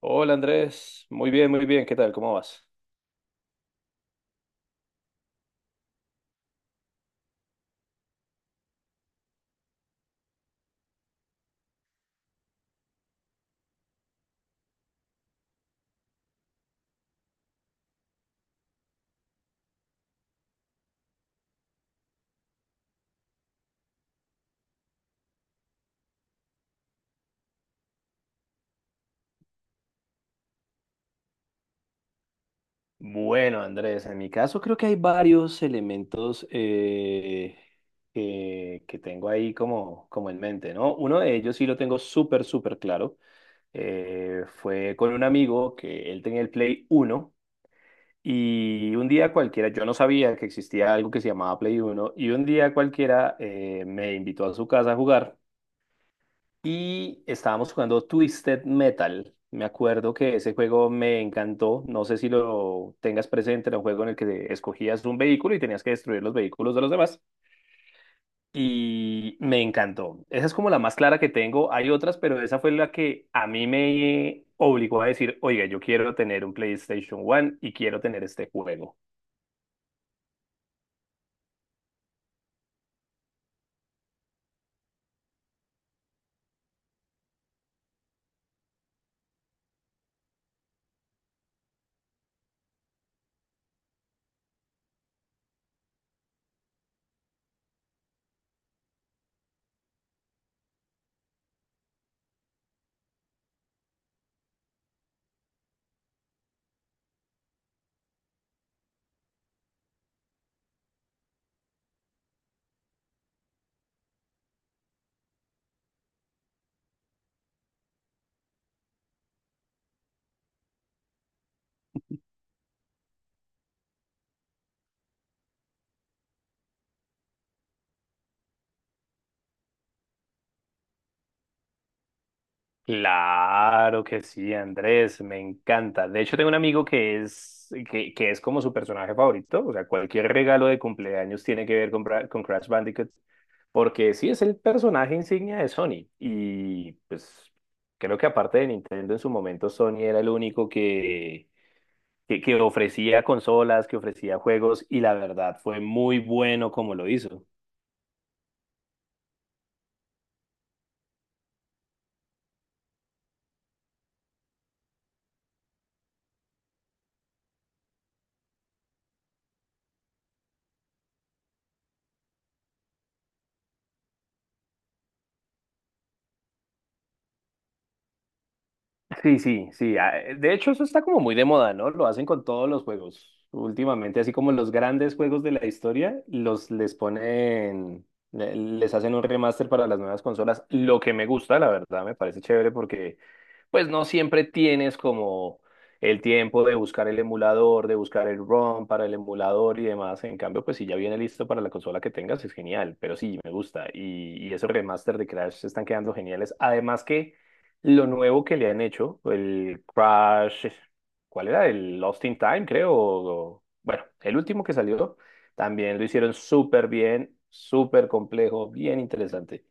Hola Andrés, muy bien, ¿qué tal? ¿Cómo vas? Bueno, Andrés, en mi caso creo que hay varios elementos que tengo ahí como en mente, ¿no? Uno de ellos sí lo tengo súper, súper claro. Fue con un amigo que él tenía el Play Uno y un día cualquiera, yo no sabía que existía algo que se llamaba Play Uno y un día cualquiera me invitó a su casa a jugar. Y estábamos jugando Twisted Metal. Me acuerdo que ese juego me encantó. No sé si lo tengas presente, era un juego en el que escogías un vehículo y tenías que destruir los vehículos de los demás. Y me encantó. Esa es como la más clara que tengo. Hay otras, pero esa fue la que a mí me obligó a decir, oiga, yo quiero tener un PlayStation One y quiero tener este juego. Claro que sí, Andrés, me encanta. De hecho, tengo un amigo que es como su personaje favorito. O sea, cualquier regalo de cumpleaños tiene que ver con Crash Bandicoot, porque sí es el personaje insignia de Sony. Y pues creo que aparte de Nintendo en su momento, Sony era el único que ofrecía consolas, que ofrecía juegos, y la verdad fue muy bueno como lo hizo. Sí, sí, sí. De hecho, eso está como muy de moda, ¿no? Lo hacen con todos los juegos. Últimamente, así como los grandes juegos de la historia, los les ponen, le- les hacen un remaster para las nuevas consolas. Lo que me gusta, la verdad, me parece chévere porque, pues, no siempre tienes como el tiempo de buscar el emulador, de buscar el ROM para el emulador y demás. En cambio, pues, si ya viene listo para la consola que tengas, es genial. Pero sí, me gusta. Y esos remaster de Crash están quedando geniales. Además que lo nuevo que le han hecho, el Crash, ¿cuál era? El Lost in Time, creo. Bueno, el último que salió, también lo hicieron súper bien, súper complejo, bien interesante.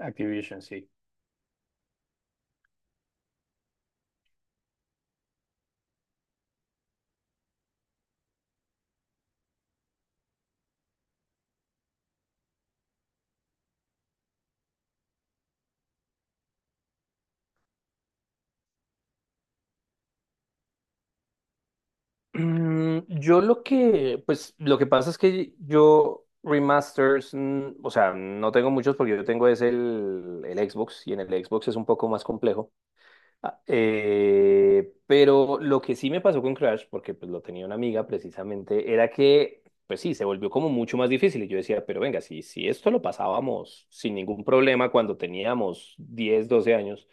Activision, sí. Pues lo que pasa es que yo remasters, o sea, no tengo muchos porque yo tengo es el Xbox y en el Xbox es un poco más complejo. Pero lo que sí me pasó con Crash, porque pues lo tenía una amiga precisamente, era que, pues sí, se volvió como mucho más difícil. Y yo decía, pero venga, si esto lo pasábamos sin ningún problema cuando teníamos 10, 12 años,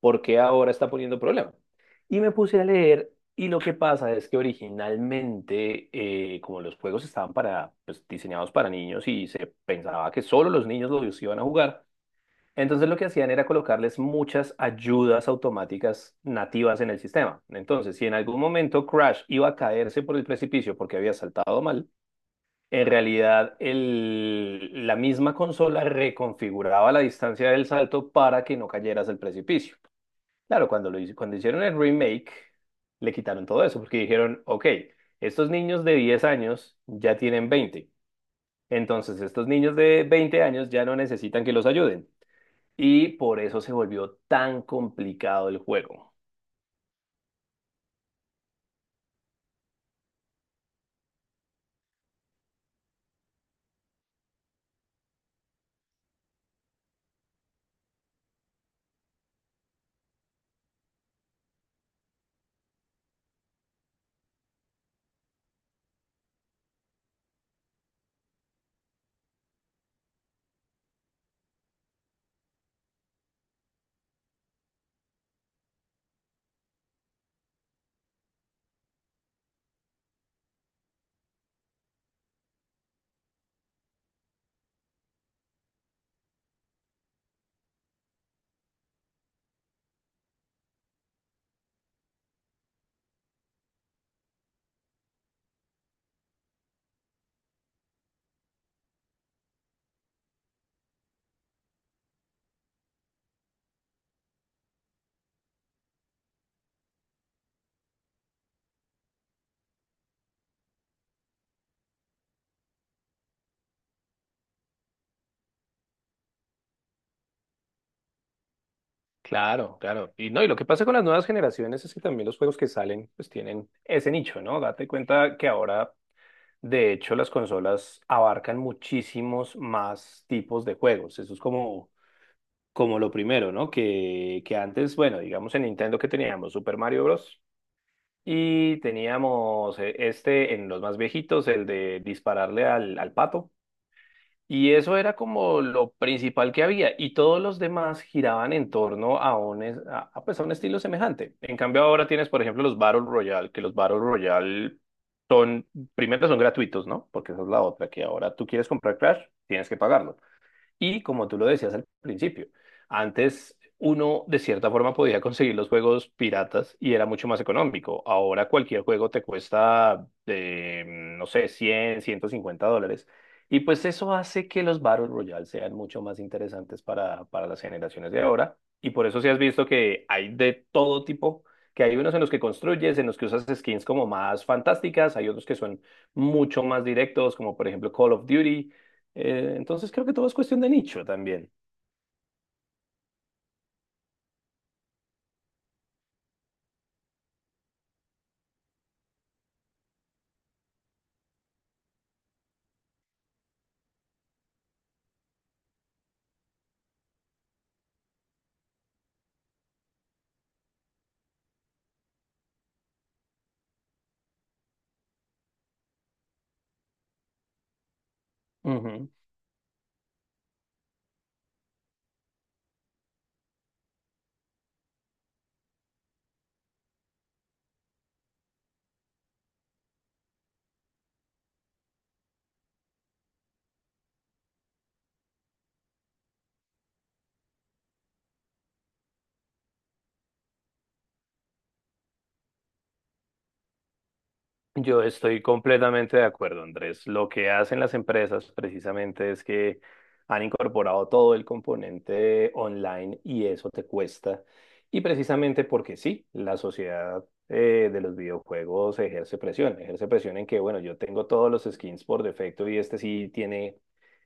¿por qué ahora está poniendo problema? Y me puse a leer y lo que pasa es que originalmente, como los juegos estaban pues, diseñados para niños y se pensaba que solo los niños los iban a jugar, entonces lo que hacían era colocarles muchas ayudas automáticas nativas en el sistema. Entonces, si en algún momento Crash iba a caerse por el precipicio porque había saltado mal, en realidad la misma consola reconfiguraba la distancia del salto para que no cayeras al precipicio. Claro, cuando hicieron el remake, le quitaron todo eso porque dijeron, ok, estos niños de 10 años ya tienen 20. Entonces, estos niños de 20 años ya no necesitan que los ayuden y por eso se volvió tan complicado el juego. Claro, claro. Y no, y lo que pasa con las nuevas generaciones es que también los juegos que salen pues tienen ese nicho, ¿no? Date cuenta que ahora, de hecho, las consolas abarcan muchísimos más tipos de juegos. Eso es como lo primero, ¿no? Que antes, bueno, digamos en Nintendo que teníamos Super Mario Bros. Y teníamos este en los más viejitos, el de dispararle al pato. Y eso era como lo principal que había, y todos los demás giraban en torno a un, es- a, pues, a un estilo semejante. En cambio, ahora tienes, por ejemplo, los Battle Royale, que los Battle Royale son, primero son gratuitos, ¿no? Porque esa es la otra, que ahora tú quieres comprar Crash, tienes que pagarlo. Y como tú lo decías al principio, antes uno de cierta forma podía conseguir los juegos piratas y era mucho más económico. Ahora cualquier juego te cuesta, no sé, 100, $150. Y pues eso hace que los Battle Royale sean mucho más interesantes para las generaciones de ahora. Y por eso si has visto que hay de todo tipo, que hay unos en los que construyes, en los que usas skins como más fantásticas, hay otros que son mucho más directos, como por ejemplo Call of Duty. Entonces creo que todo es cuestión de nicho también. Ujú. Yo estoy completamente de acuerdo, Andrés. Lo que hacen las empresas precisamente es que han incorporado todo el componente online y eso te cuesta. Y precisamente porque sí, la sociedad de los videojuegos ejerce presión. Ejerce presión en que, bueno, yo tengo todos los skins por defecto y este sí tiene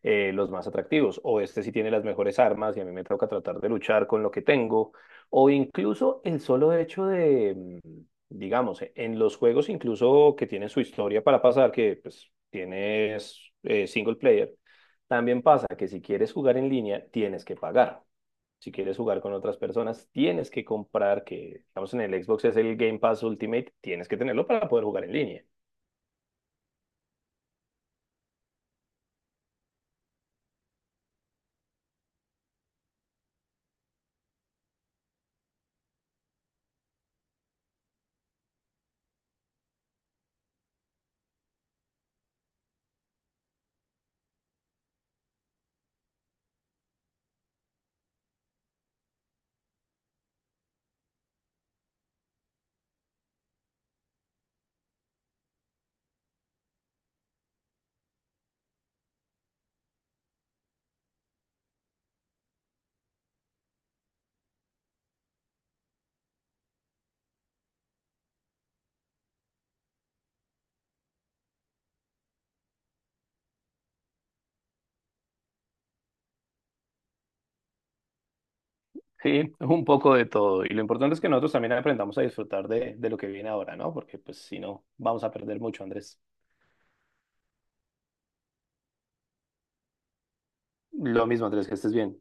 los más atractivos, o este sí tiene las mejores armas y a mí me toca tratar de luchar con lo que tengo, o incluso el solo hecho de, digamos, en los juegos incluso que tienen su historia para pasar, que pues tienes single player, también pasa que si quieres jugar en línea, tienes que pagar. Si quieres jugar con otras personas, tienes que comprar, que digamos en el Xbox es el Game Pass Ultimate, tienes que tenerlo para poder jugar en línea. Sí, es un poco de todo. Y lo importante es que nosotros también aprendamos a disfrutar de lo que viene ahora, ¿no? Porque pues si no, vamos a perder mucho, Andrés. Lo mismo, Andrés, que estés bien.